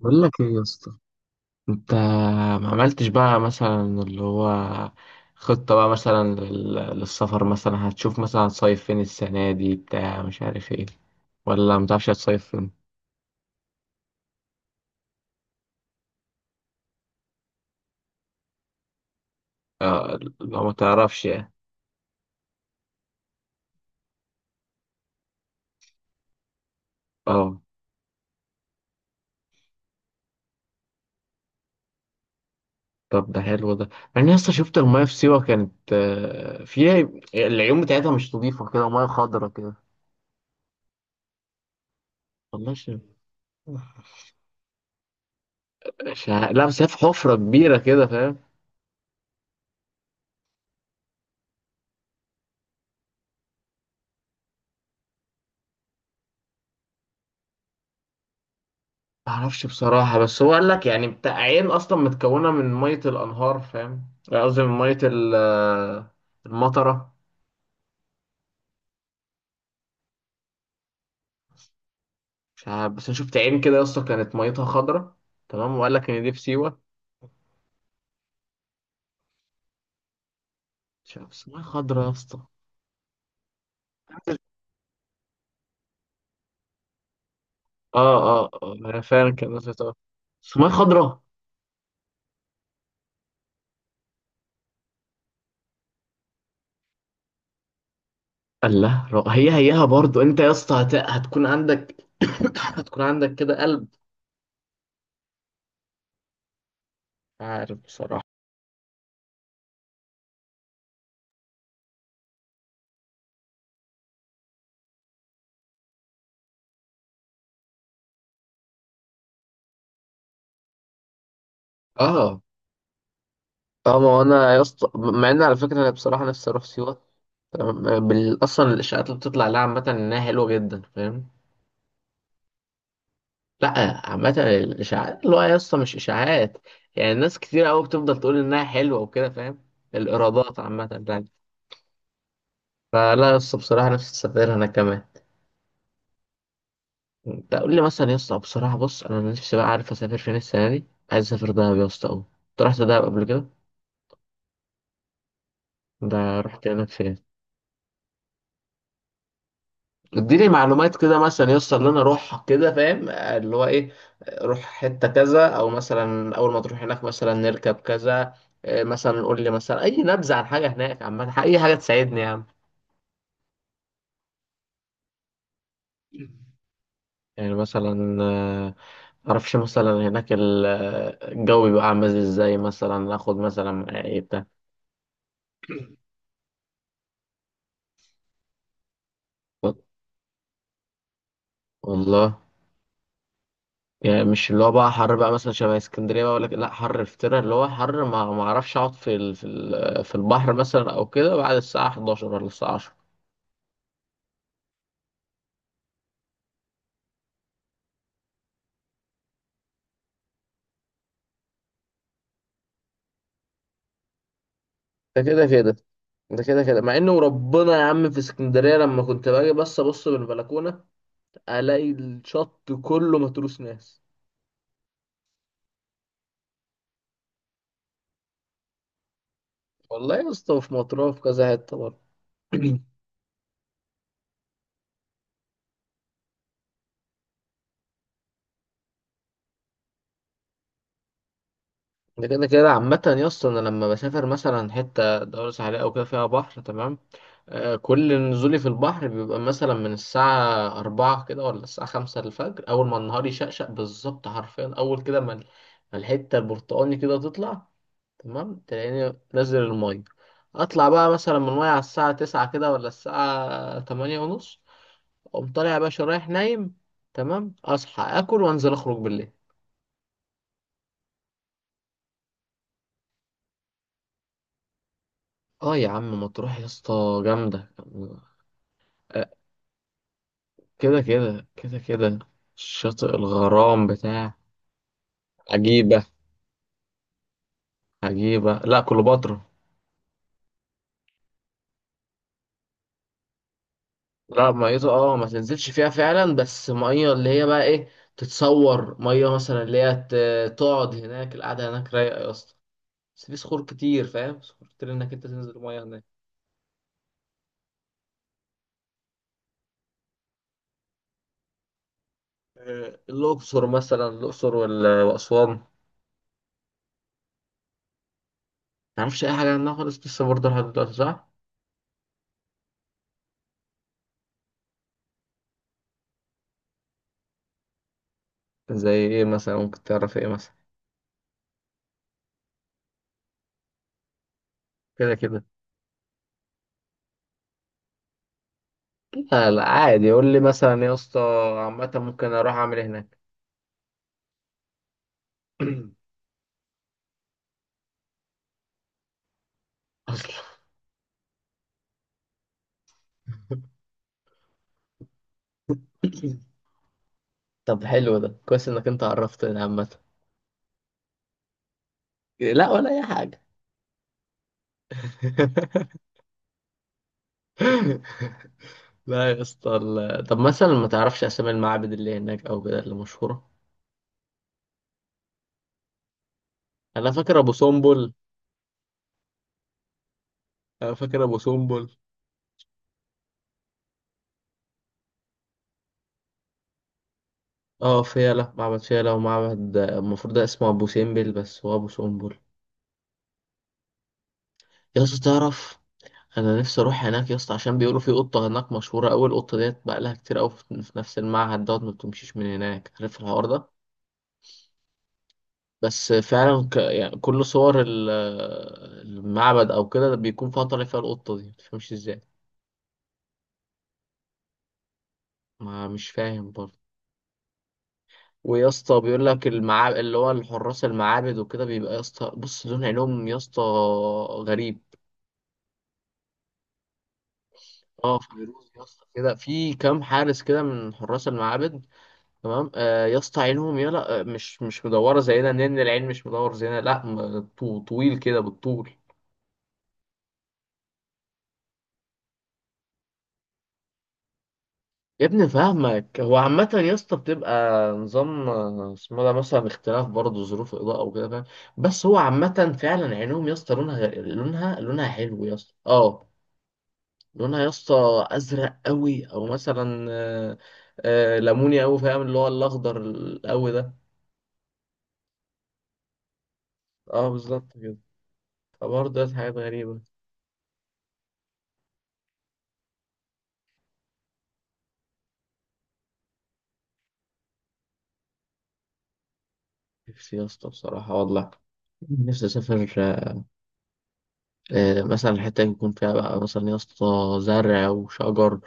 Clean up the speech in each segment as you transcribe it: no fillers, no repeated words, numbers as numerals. بقول لك ايه يا اسطى. انت ما عملتش بقى مثلا اللي هو خطة بقى مثلا للسفر مثلا، هتشوف مثلا هتصيف فين السنة دي بتاع، مش عارف ايه، ولا متعرفش هتصيف فين؟ آه، لو ما تعرفش يعني. اه. طب ده حلو ده. يعني يا اسطى شفت المايه في سيوة، كانت فيها العيون بتاعتها مش نظيفة كده، مياه خضرا كده. والله شايف. لا بس هي في حفرة كبيرة كده، فاهم؟ معرفش بصراحة، بس هو قال لك يعني بتاع عين أصلا متكونة من مية الأنهار، فاهم؟ يعني قصدي من مية المطرة. مش عارف، بس أنا شفت عين كده يا اسطى كانت ميتها خضرة. تمام، وقال لك إن دي في سيوة. مش عارف، بس مية خضرة يا اسطى. اه أنا فعلا كان نزلت. اه، بس مية خضرة. قال لا. هي هيها برضو. أنت يا اسطى هتكون عندك هتكون عندك كده قلب. مش عارف بصراحة. اه. اه، ما هو انا يا اسطى، مع ان على فكره انا بصراحه نفسي اروح سيوه. تمام. اصلا الاشاعات اللي بتطلع لها عامه انها حلوه جدا، فاهم؟ لا، عامه الاشاعات اللي هو يا اسطى مش اشاعات. يعني ناس كتير قوي بتفضل تقول انها حلوه وكده، فاهم؟ الايرادات عامه يعني. فلا يا اسطى، بصراحه نفسي اسافر انا كمان. انت قول لي مثلا يا اسطى، بصراحه بص، انا نفسي بقى عارف اسافر فين السنه دي. عايز اسافر دهب يا اسطى قوي. انت رحت دهب قبل كده؟ ده رحت هناك فين؟ اديني معلومات كده مثلا يسطا اللي انا اروح كده، فاهم؟ اللي هو ايه، روح حته كذا، او مثلا اول ما تروح هناك مثلا نركب كذا. مثلا قول لي مثلا اي نبذه عن حاجه هناك عامه، اي حاجه تساعدني يا عم. يعني مثلا معرفش مثلا هناك الجو بيبقى عامل ازاي، مثلا اخد مثلا معايا ايه بتاع. والله، يعني مش اللي هو بقى حر بقى مثلا شبه اسكندريه بقى، ولا كده؟ لا حر افترا، اللي هو حر ما اعرفش اقعد في البحر مثلا او كده بعد الساعه 11 ولا الساعه 10. ده كده كده. ده كده كده، مع انه وربنا يا عم في اسكندريه لما كنت باجي، بس ابص من البلكونه الاقي الشط كله متروس ناس. والله يا اسطى في مطروح، في كذا حته برضه. ده كده كده. عامه يا اسطى انا لما بسافر مثلا حته دوله ساحليه او كده فيها بحر، تمام، كل نزولي في البحر بيبقى مثلا من الساعة أربعة كده ولا الساعة خمسة الفجر، أول ما النهار يشقشق بالظبط، حرفيا أول كده ما الحتة البرتقاني كده تطلع، تمام تلاقيني نازل المية. أطلع بقى مثلا من المية على الساعة تسعة كده ولا الساعة تمانية ونص. أقوم طالع يا باشا رايح نايم. تمام، أصحى آكل وأنزل أخرج بالليل. آه يا عم مطروح يا اسطى جامدة. آه، كده كده كده كده. شاطئ الغرام بتاع. عجيب. عجيبة؟ لا، كليوباترا. لا، ميته اه ما تنزلش فيها فعلا، بس ميه اللي هي بقى ايه، تتصور ميه مثلا اللي هي تقعد هناك، القعدة هناك رايقة يا اسطى، بس في صخور كتير فاهم، صخور كتير انك انت تنزل ميه هناك. الأقصر مثلا، الأقصر وأسوان ما تعرفش أي حاجة عنها خالص لسه برضه لحد دلوقتي، صح؟ زي إيه مثلا؟ ممكن تعرف إيه مثلا؟ كده كده. لا لا عادي، قول لي مثلا يا اسطى، عامة ممكن أروح أعمل إيه هناك؟ أصلا. طب حلو ده، كويس انك انت عرفتني عامة. لا ولا اي حاجة. لا يا اسطى طب مثلا ما تعرفش اسامي المعابد اللي هناك او كده اللي مشهورة؟ انا فاكر ابو سمبل. انا فاكر ابو سمبل. اه فيلة، معبد فيلة، ومعبد المفروض ده اسمه ابو سمبل، بس هو ابو سمبل. يا اسطى تعرف، انا نفسي اروح هناك يا اسطى، عشان بيقولوا في قطة هناك مشهورة اوي، القطة ديت بقى لها كتير اوي في نفس المعهد دوت، ما بتمشيش من هناك، عارف الحوار ده؟ بس فعلا يعني كل صور المعبد او كده بيكون فيها طالع فيها القطه دي، متفهمش ازاي. ما مش فاهم برضه. ويا اسطى بيقول لك المعابد اللي هو الحراس المعابد وكده بيبقى يا اسطى بص لون عينهم يا اسطى غريب. اه فيروز يا اسطى، كده في كام حارس كده من حراس المعابد، تمام، آه يا اسطى عينهم يلا مش مدوره زينا، لان العين مش مدور زينا، لا طويل كده بالطول. يا ابني فاهمك، هو عامة يا اسطى بتبقى نظام اسمه ده مثلا اختلاف برضه ظروف الإضاءة وكده، فاهم؟ بس هو عامة فعلا عينهم يا اسطى لونها لونها حلو يا اسطى اه. لونها يا اسطى أزرق قوي، أو مثلا ليموني قوي، فاهم اللي هو الأخضر القوي ده. اه بالظبط كده. فبرضه حاجات غريبة. نفسي يا اسطى بصراحة والله، نفسي أسافر مثلا الحتة يكون فيها بقى مثلا يا اسطى زرع وشجر،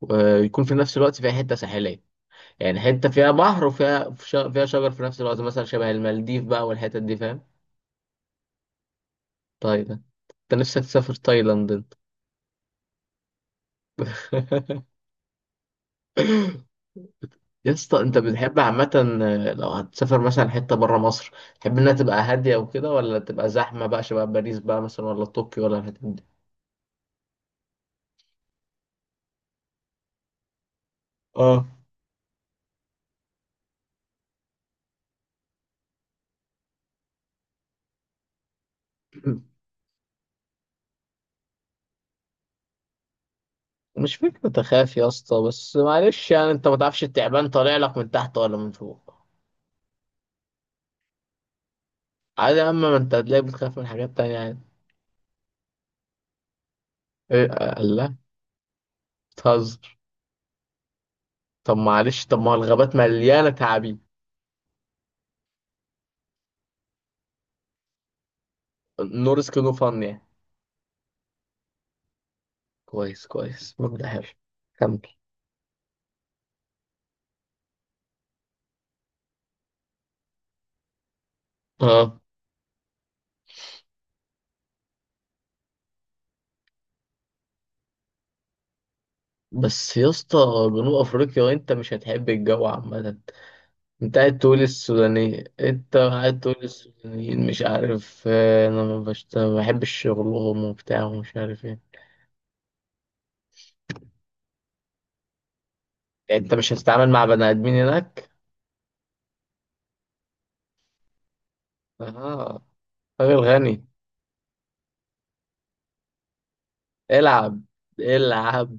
ويكون في نفس الوقت فيها حتة ساحلية، يعني حتة فيها بحر وفيها فيها شجر في نفس الوقت، مثلا شبه المالديف بقى والحتت دي، فاهم؟ تايلاند. انت نفسك تسافر تايلاند انت؟ يا اسطى انت بتحب عامة لو هتسافر مثلا حتة برا مصر، تحب انها تبقى هادية وكده، ولا تبقى زحمة بقى شبه باريس بقى مثلا، ولا طوكيو، ولا الحتت دي؟ اه. مش فكرة أخاف يا اسطى، بس معلش يعني أنت ما تعرفش التعبان طالع لك من تحت ولا من فوق. عادي يا أما، ما أنت هتلاقيك بتخاف من حاجات تانية عادي. إيه؟ الله، بتهزر؟ طب معلش، طب ما هو الغابات مليانة تعابين. نو ريسك نو فن يعني. كويس كويس، مبدأ حلو، كمل. اه بس يا اسطى جنوب افريقيا انت مش هتحب الجو عامة. انت قاعد تقول السوداني، انت قاعد تقول السودانيين مش عارف انا ما بحبش شغلهم وبتاع ومش عارف ايه. انت مش هتتعامل مع بني ادمين هناك. اه، راجل غني. العب. العب.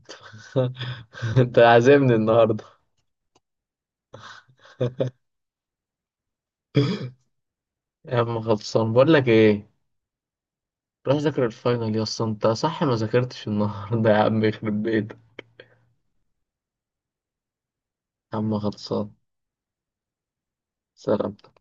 انت عازمني النهارده. يا عم خلصان، بقول لك ايه، روح ذاكر الفاينل يا اسطى انت، صح ما ذاكرتش النهارده يا عم يخرب بيتك. يا عم خلصان. سلام.